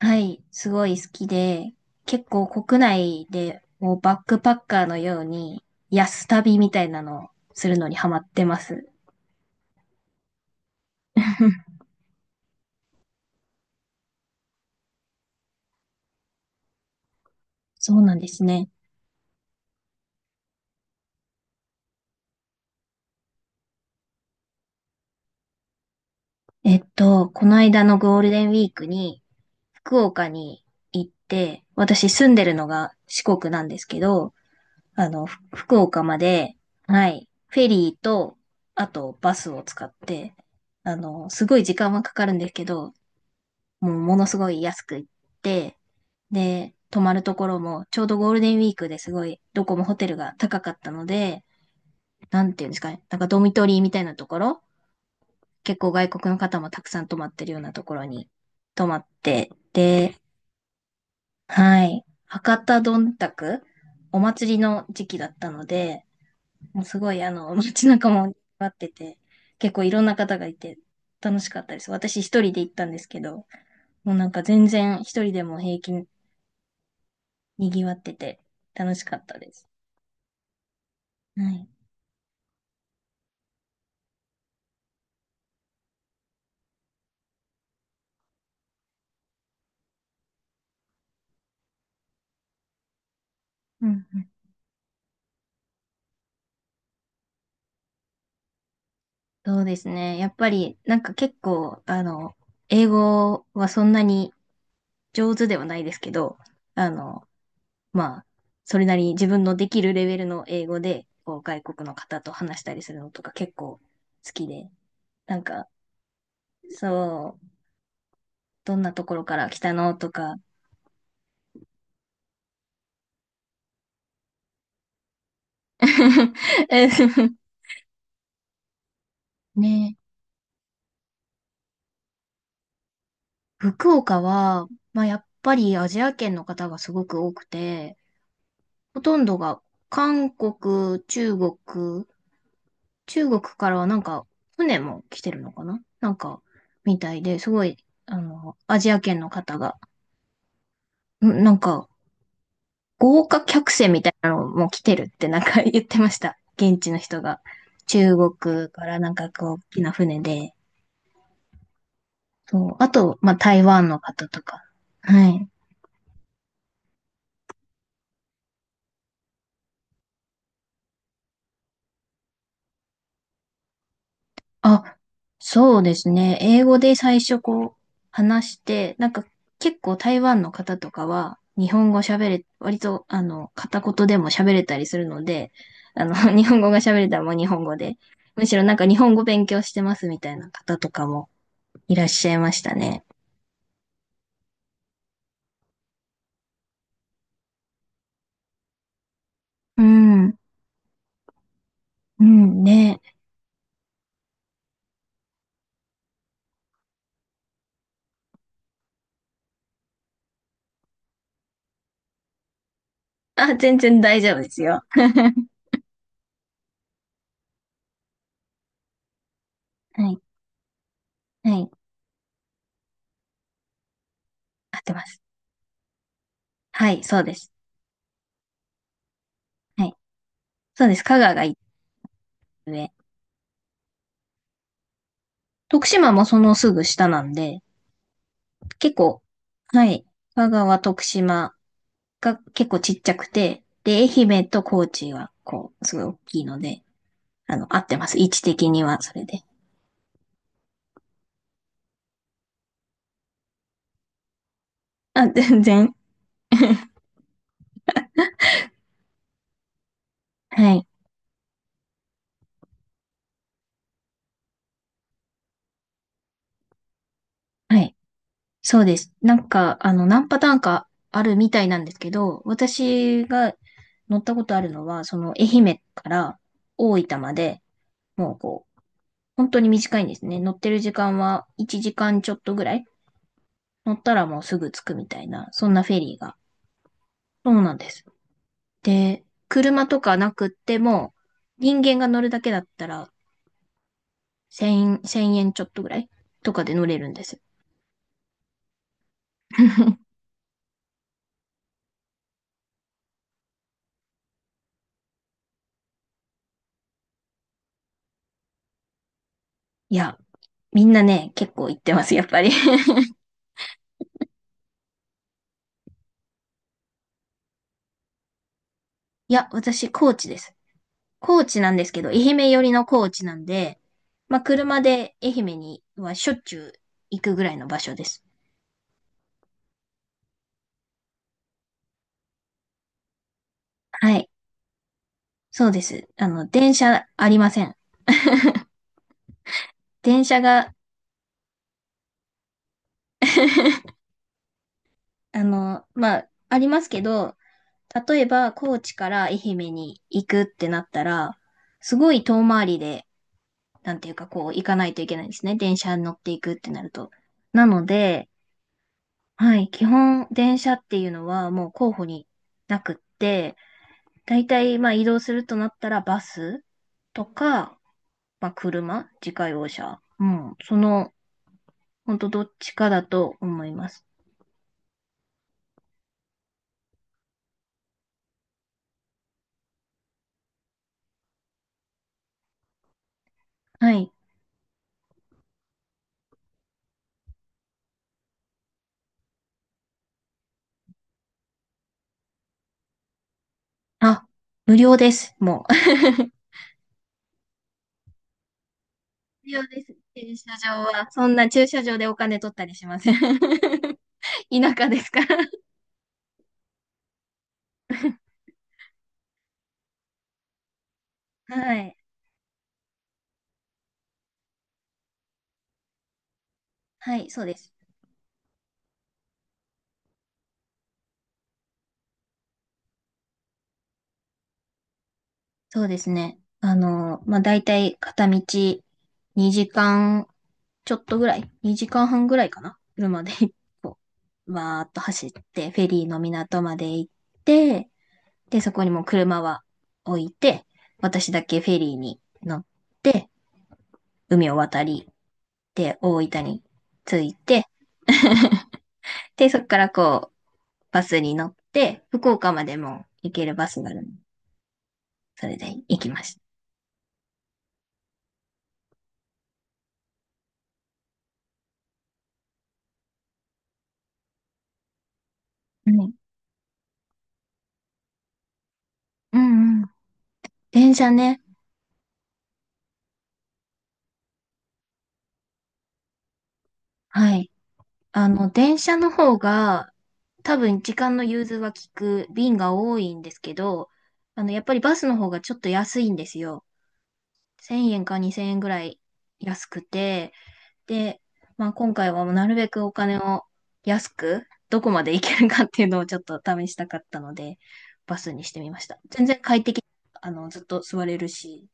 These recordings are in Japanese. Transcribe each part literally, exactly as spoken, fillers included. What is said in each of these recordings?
はい、すごい好きで、結構国内でもうバックパッカーのように安旅みたいなのをするのにハマってます。そうなんですね。えっと、この間のゴールデンウィークに福岡に行って、私住んでるのが四国なんですけど、あの、ふ福岡まで、はい、フェリーと、あとバスを使って、あの、すごい時間はかかるんですけど、もうものすごい安く行って、で、泊まるところも、ちょうどゴールデンウィークですごい、どこもホテルが高かったので、なんていうんですかね、なんかドミトリーみたいなところ、結構外国の方もたくさん泊まってるようなところに泊まって、で、はい、博多どんたく、お祭りの時期だったので、もうすごいあの、街中も待ってて、結構いろんな方がいて楽しかったです。私一人で行ったんですけど、もうなんか全然一人でも平気賑わってて楽しかったです。はい。うんうん。そうですね。やっぱり、なんか結構、あの、英語はそんなに上手ではないですけど、あの、まあ、それなりに自分のできるレベルの英語で、こう、外国の方と話したりするのとか結構好きで、なんか、そう、どんなところから来たのとか。ね、福岡は、まあ、やっぱりアジア圏の方がすごく多くて、ほとんどが韓国、中国、中国からはなんか船も来てるのかななんか、みたいで、すごい、あの、アジア圏の方が、んなんか、豪華客船みたいなのも来てるってなんか 言ってました。現地の人が。中国からなんかこう、大きな船で。そう。あと、まあ、台湾の方とか。はい。あ、そうですね。英語で最初こう話して、なんか結構台湾の方とかは日本語喋れ、割とあの片言でも喋れたりするので、あの 日本語が喋れたらもう日本語で、むしろなんか日本語勉強してますみたいな方とかもいらっしゃいましたね。うん、うん、ね。あ、全然大丈夫ですよ。はい、はい、合ってます。はい、そうです。はい、そうです。香川が一つ上。徳島もそのすぐ下なんで、結構、はい。香川、徳島が結構ちっちゃくて、で、愛媛と高知は、こう、すごい大きいので、あの、合ってます。位置的には、それで。あ、全然。はい。はい。そうです。なんか、あの、何パターンかあるみたいなんですけど、私が乗ったことあるのは、その、愛媛から大分まで、もうこう、本当に短いんですね。乗ってる時間はいちじかんちょっとぐらい。乗ったらもうすぐ着くみたいな、そんなフェリーが。そうなんです。で、車とかなくっても、人間が乗るだけだったら、せん、円ちょっとぐらいとかで乗れるんですよ。いや、みんなね、結構行ってます、やっぱり。いや、私、高知です。高知なんですけど、愛媛寄りの高知なんで、まあ、車で愛媛にはしょっちゅう行くぐらいの場所です。はい。そうです。あの、電車ありません。電車があの、まあ、ありますけど、例えば、高知から愛媛に行くってなったら、すごい遠回りで、なんていうか、こう、行かないといけないんですね。電車に乗っていくってなると。なので、はい、基本、電車っていうのはもう候補になくって、大体、まあ、移動するとなったら、バスとか、まあ、車、自家用車。うん、その、ほんとどっちかだと思います。はい。あ、無料です、もう。必要です。駐車場は。そんな駐車場でお金取ったりしません。田舎ですから。はい。はい、そうです。そうですね。あの、まあ、だいたい片道にじかんちょっとぐらい、にじかんはんぐらいかな。車で こう、わーっと走って、フェリーの港まで行って、で、そこにもう車は置いて、私だけフェリーに乗って、海を渡り、で、大分に着いて、で、そこからこバスに乗って、福岡までも行けるバスがあるので。それで行きました。うん。うんうん。電車ね。はい。あの、電車の方が、多分時間の融通は効く便が多いんですけど、あの、やっぱりバスの方がちょっと安いんですよ。せんえんかにせんえんぐらい安くて、で、まあ、今回はもうなるべくお金を安く、どこまで行けるかっていうのをちょっと試したかったので、バスにしてみました。全然快適、あの、ずっと座れるし。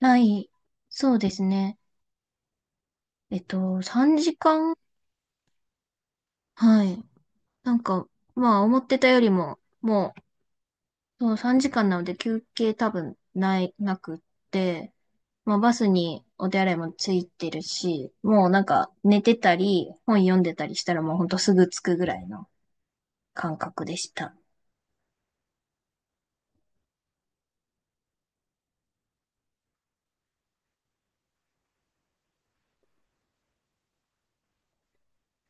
ない、そうですね。えっと、さんじかん、はい。なんか、まあ、思ってたよりも、もう、そうさんじかんなので休憩多分ない、なくって、まあ、バスにお手洗いもついてるし、もうなんか寝てたり、本読んでたりしたらもうほんとすぐ着くぐらいの感覚でした。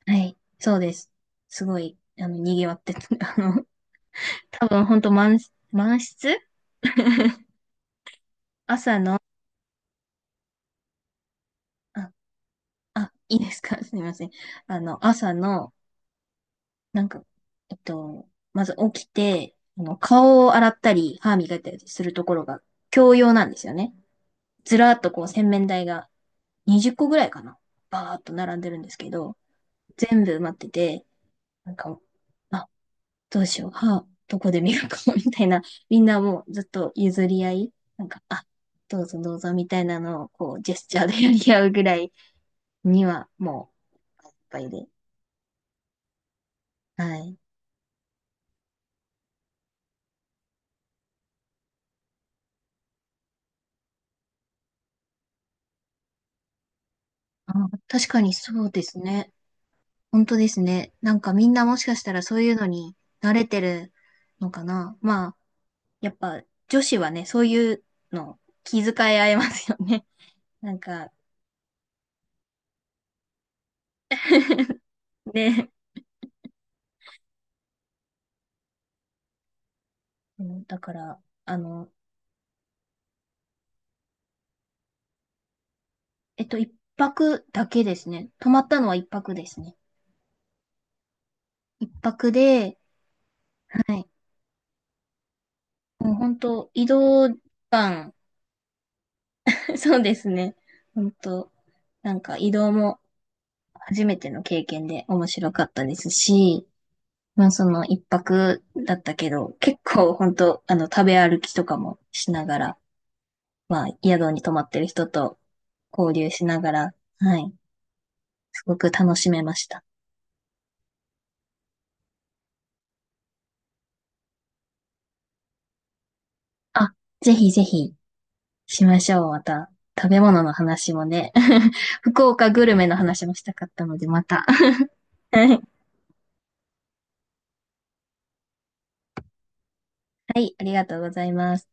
はい。そうです。すごい、あの、賑わってた。あの、多分本当満、満室朝の、あ、あ、いいですか すみません。あの、朝の、なんか、えっと、まず起きて、あの、顔を洗ったり、歯磨いたりするところが共用なんですよね。ずらーっとこう洗面台がにじゅっこぐらいかな。バーっと並んでるんですけど、全部埋まってて、なんか、あどうしよう、歯、どこで磨こうみたいな、みんなもうずっと譲り合い、なんか、あ、どうぞどうぞみたいなのを、こう、ジェスチャーでやり合うぐらいには、もう、いっぱいで。はい。あ、確かにそうですね。本当ですね。なんかみんなもしかしたらそういうのに慣れてるのかな。まあ、やっぱ女子はね、そういうの気遣い合いますよね。なんか、ね。うんだから、あの、えっと、一泊だけですね。泊まったのは一泊ですね。一泊で、はい。もう本当移動時間、そうですね。本当なんか移動も初めての経験で面白かったですし、まあその一泊だったけど、結構本当あの食べ歩きとかもしながら、まあ宿に泊まってる人と交流しながら、はい。すごく楽しめました。あ、ぜひぜひ。しましょう、また。食べ物の話もね、福岡グルメの話もしたかったので、また。はい、ありがとうございます。